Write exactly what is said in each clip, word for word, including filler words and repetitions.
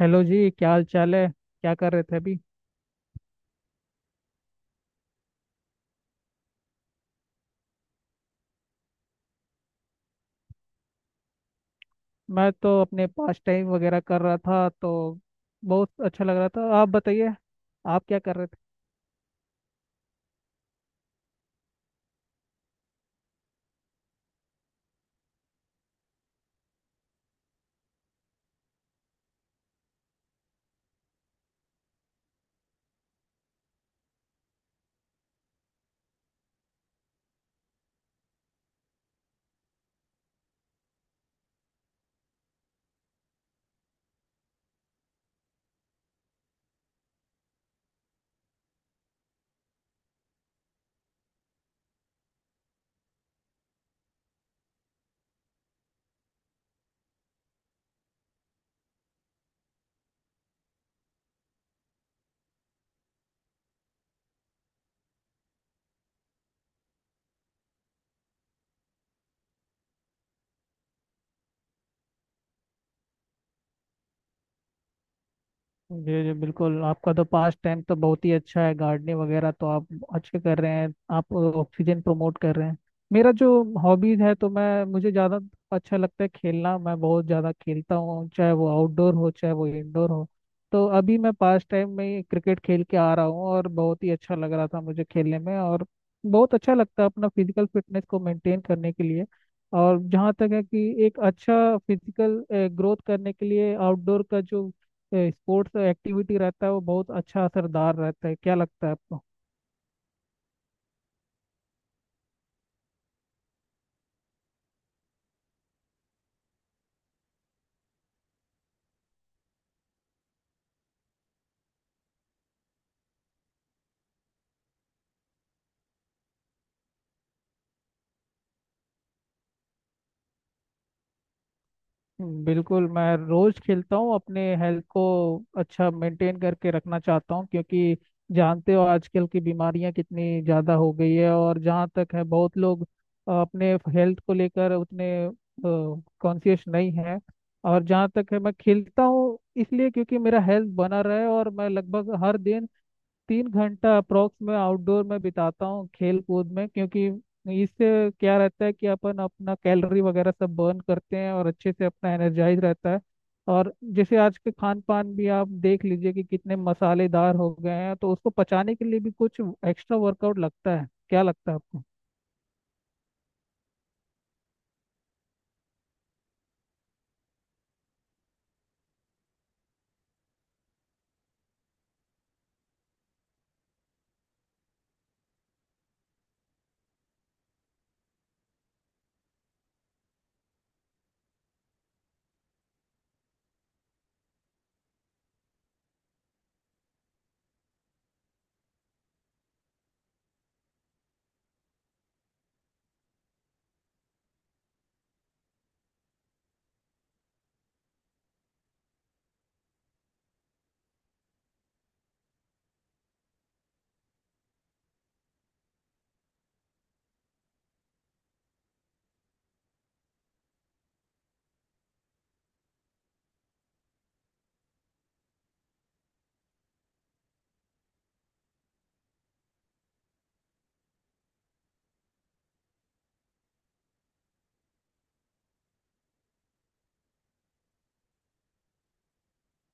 Hello जी। क्या हाल चाल है? क्या कर रहे थे अभी? मैं तो अपने पास टाइम वगैरह कर रहा था तो बहुत अच्छा लग रहा था। आप बताइए, आप क्या कर रहे। जी जी बिल्कुल, आपका तो पास्ट टाइम तो बहुत ही अच्छा है, गार्डनिंग वगैरह तो आप अच्छे कर रहे हैं। आप ऑक्सीजन प्रमोट कर रहे हैं। मेरा जो हॉबीज है तो मैं मुझे ज़्यादा अच्छा लगता है खेलना। मैं बहुत ज़्यादा खेलता हूँ, चाहे वो आउटडोर हो चाहे वो इंडोर हो। तो अभी मैं पास्ट टाइम में ही क्रिकेट खेल के आ रहा हूँ और बहुत ही अच्छा लग रहा था मुझे खेलने में। और बहुत अच्छा लगता है अपना फिजिकल फिटनेस को मेंटेन करने के लिए। और जहाँ तक है कि एक अच्छा फिजिकल ग्रोथ करने के लिए आउटडोर का जो स्पोर्ट्स एक्टिविटी रहता है वो बहुत अच्छा असरदार रहता है। क्या लगता है आपको? बिल्कुल, मैं रोज खेलता हूँ। अपने हेल्थ को अच्छा मेंटेन करके रखना चाहता हूँ क्योंकि जानते हो आजकल की बीमारियां कितनी ज्यादा हो गई है। और जहाँ तक है बहुत लोग अ, अपने हेल्थ को लेकर उतने कॉन्शियस नहीं है। और जहाँ तक है मैं खेलता हूँ इसलिए क्योंकि मेरा हेल्थ बना रहे। और मैं लगभग हर दिन तीन घंटा अप्रोक्स में आउटडोर में बिताता हूँ खेल कूद में, क्योंकि इससे क्या रहता है कि अपन अपना कैलोरी वगैरह सब बर्न करते हैं और अच्छे से अपना एनर्जाइज रहता है। और जैसे आज के खान पान भी आप देख लीजिए कि कितने मसालेदार हो गए हैं तो उसको पचाने के लिए भी कुछ एक्स्ट्रा वर्कआउट लगता है। क्या लगता है आपको?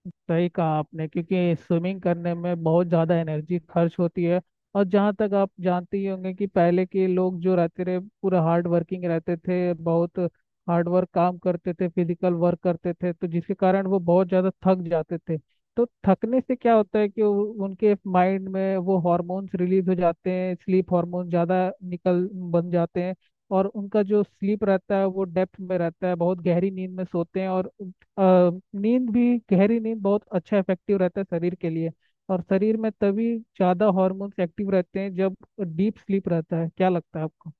सही कहा आपने क्योंकि स्विमिंग करने में बहुत ज़्यादा एनर्जी खर्च होती है। और जहाँ तक आप जानते ही होंगे कि पहले के लोग जो रहते रहे पूरा हार्ड वर्किंग रहते थे, बहुत हार्ड वर्क काम करते थे, फिजिकल वर्क करते थे, तो जिसके कारण वो बहुत ज़्यादा थक जाते थे। तो थकने से क्या होता है कि उ- उनके माइंड में वो हार्मोन्स रिलीज हो जाते हैं, स्लीप हार्मोन ज़्यादा निकल बन जाते हैं। और उनका जो स्लीप रहता है वो डेप्थ में रहता है, बहुत गहरी नींद में सोते हैं। और अ, नींद भी, गहरी नींद बहुत अच्छा इफेक्टिव रहता है शरीर के लिए। और शरीर में तभी ज़्यादा हॉर्मोन्स एक्टिव रहते हैं जब डीप स्लीप रहता है। क्या लगता है आपको?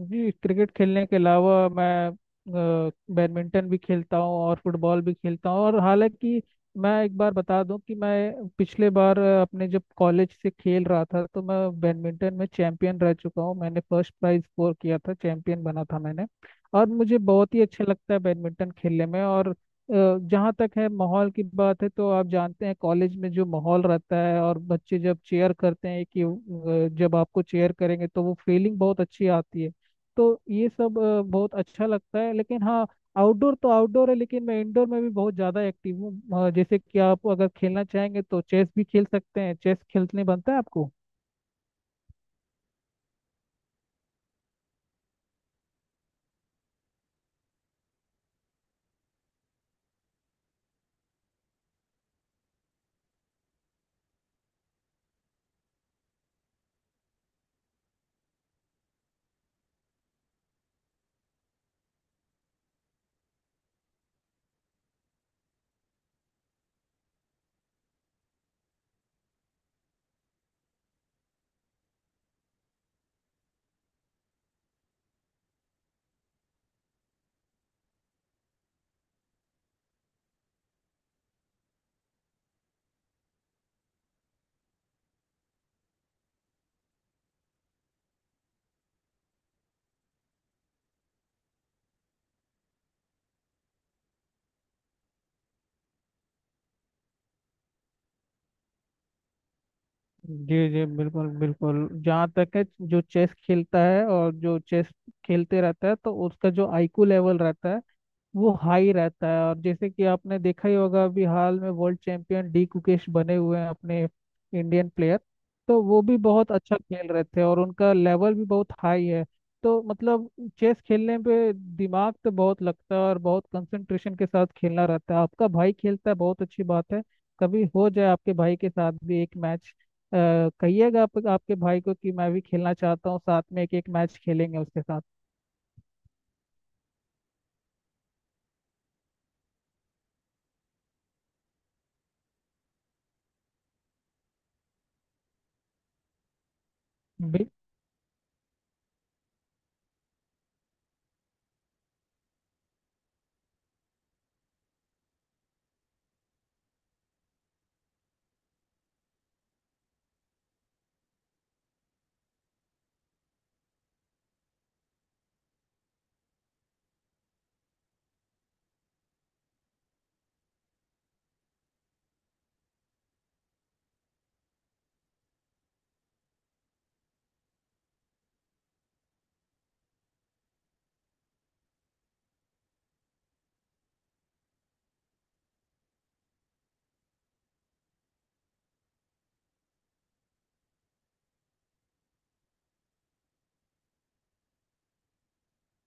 जी, क्रिकेट खेलने के अलावा मैं अ, बैडमिंटन भी खेलता हूँ और फुटबॉल भी खेलता हूँ। और हालांकि मैं एक बार बता दूं कि मैं पिछले बार अ, अपने जब कॉलेज से खेल रहा था तो मैं बैडमिंटन में चैंपियन रह चुका हूँ। मैंने फर्स्ट प्राइज स्कोर किया था, चैंपियन बना था मैंने। और मुझे बहुत ही अच्छा लगता है बैडमिंटन खेलने में। और अ, जहाँ तक है माहौल की बात है तो आप जानते हैं कॉलेज में जो माहौल रहता है और बच्चे जब चेयर करते हैं कि अ, जब आपको चेयर करेंगे तो वो फीलिंग बहुत अच्छी आती है। तो ये सब अ, बहुत अच्छा लगता है। लेकिन हाँ, आउटडोर तो आउटडोर है लेकिन मैं इंडोर में भी बहुत ज़्यादा एक्टिव हूँ। अ, जैसे कि आप अगर खेलना चाहेंगे तो चेस भी खेल सकते हैं। चेस खेलने बनता है आपको? जी जी बिल्कुल बिल्कुल, जहाँ तक है जो चेस खेलता है और जो चेस खेलते रहता है तो उसका जो आई क्यू लेवल रहता है वो हाई रहता है। और जैसे कि आपने देखा ही होगा, अभी हाल में वर्ल्ड चैंपियन डी कुकेश बने हुए हैं, अपने इंडियन प्लेयर। तो वो भी बहुत अच्छा खेल रहे थे और उनका लेवल भी बहुत हाई है। तो मतलब चेस खेलने पे दिमाग तो बहुत लगता है और बहुत कंसंट्रेशन के साथ खेलना रहता है। आपका भाई खेलता है, बहुत अच्छी बात है। कभी हो जाए आपके भाई के साथ भी एक मैच। कहिएगा आप, आपके भाई को कि मैं भी खेलना चाहता हूँ साथ में, एक एक मैच खेलेंगे उसके साथ। बिल-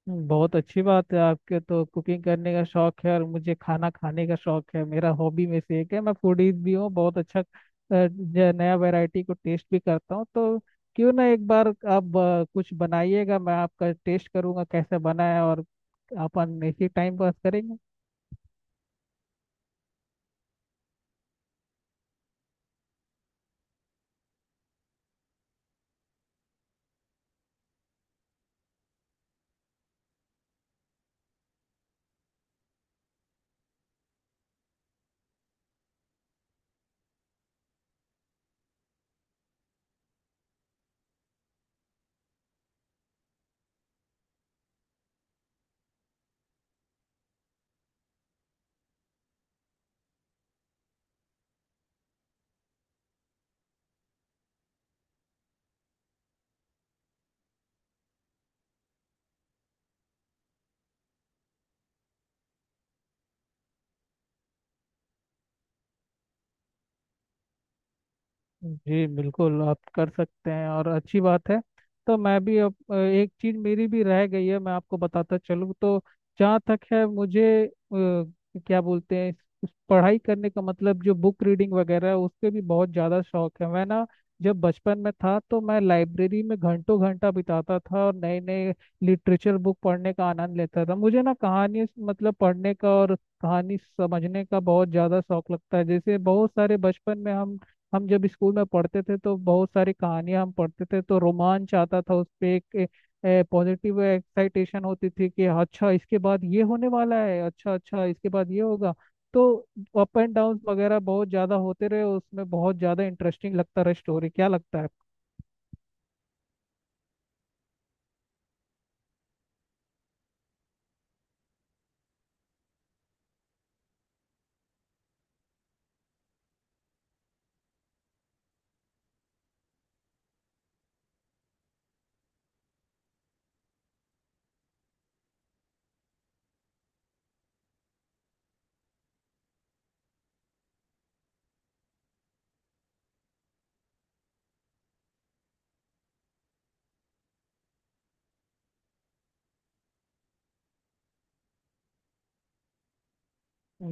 बहुत अच्छी बात है, आपके तो कुकिंग करने का शौक है और मुझे खाना खाने का शौक है। मेरा हॉबी में से एक है, मैं फूडीज भी हूँ, बहुत अच्छा। अ, जो नया वैरायटी को टेस्ट भी करता हूँ। तो क्यों ना एक बार आप अ, कुछ बनाइएगा, मैं आपका टेस्ट करूँगा कैसे बना है। और अपन इसी टाइम पास करेंगे। जी बिल्कुल, आप कर सकते हैं और अच्छी बात है। तो मैं भी अब अ, एक चीज मेरी भी रह गई है, मैं आपको बताता चलूँ। तो जहाँ तक है मुझे अ, क्या बोलते हैं, इस पढ़ाई करने का मतलब जो बुक रीडिंग वगैरह है उसके भी बहुत ज़्यादा शौक है। मैं ना जब बचपन में था तो मैं लाइब्रेरी में घंटों घंटा बिताता था और नए नए लिटरेचर बुक पढ़ने का आनंद लेता था। मुझे ना कहानी मतलब पढ़ने का और कहानी समझने का बहुत ज़्यादा शौक लगता है। जैसे बहुत सारे बचपन में हम हम जब स्कूल में पढ़ते थे तो बहुत सारी कहानियां हम पढ़ते थे तो रोमांच आता था उस पे। एक पॉजिटिव एक्साइटेशन होती थी कि अच्छा इसके बाद ये होने वाला है, अच्छा अच्छा इसके बाद ये होगा। तो अप एंड डाउन वगैरह बहुत ज्यादा होते रहे उसमें, बहुत ज्यादा इंटरेस्टिंग लगता रहा स्टोरी। क्या लगता है आपको?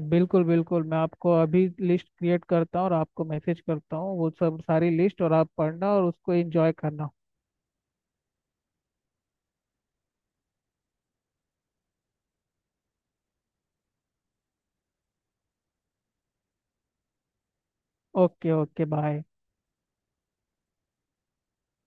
बिल्कुल बिल्कुल, मैं आपको अभी लिस्ट क्रिएट करता हूँ और आपको मैसेज करता हूँ वो सब सारी लिस्ट। और आप पढ़ना और उसको एंजॉय करना। Okay okay, bye.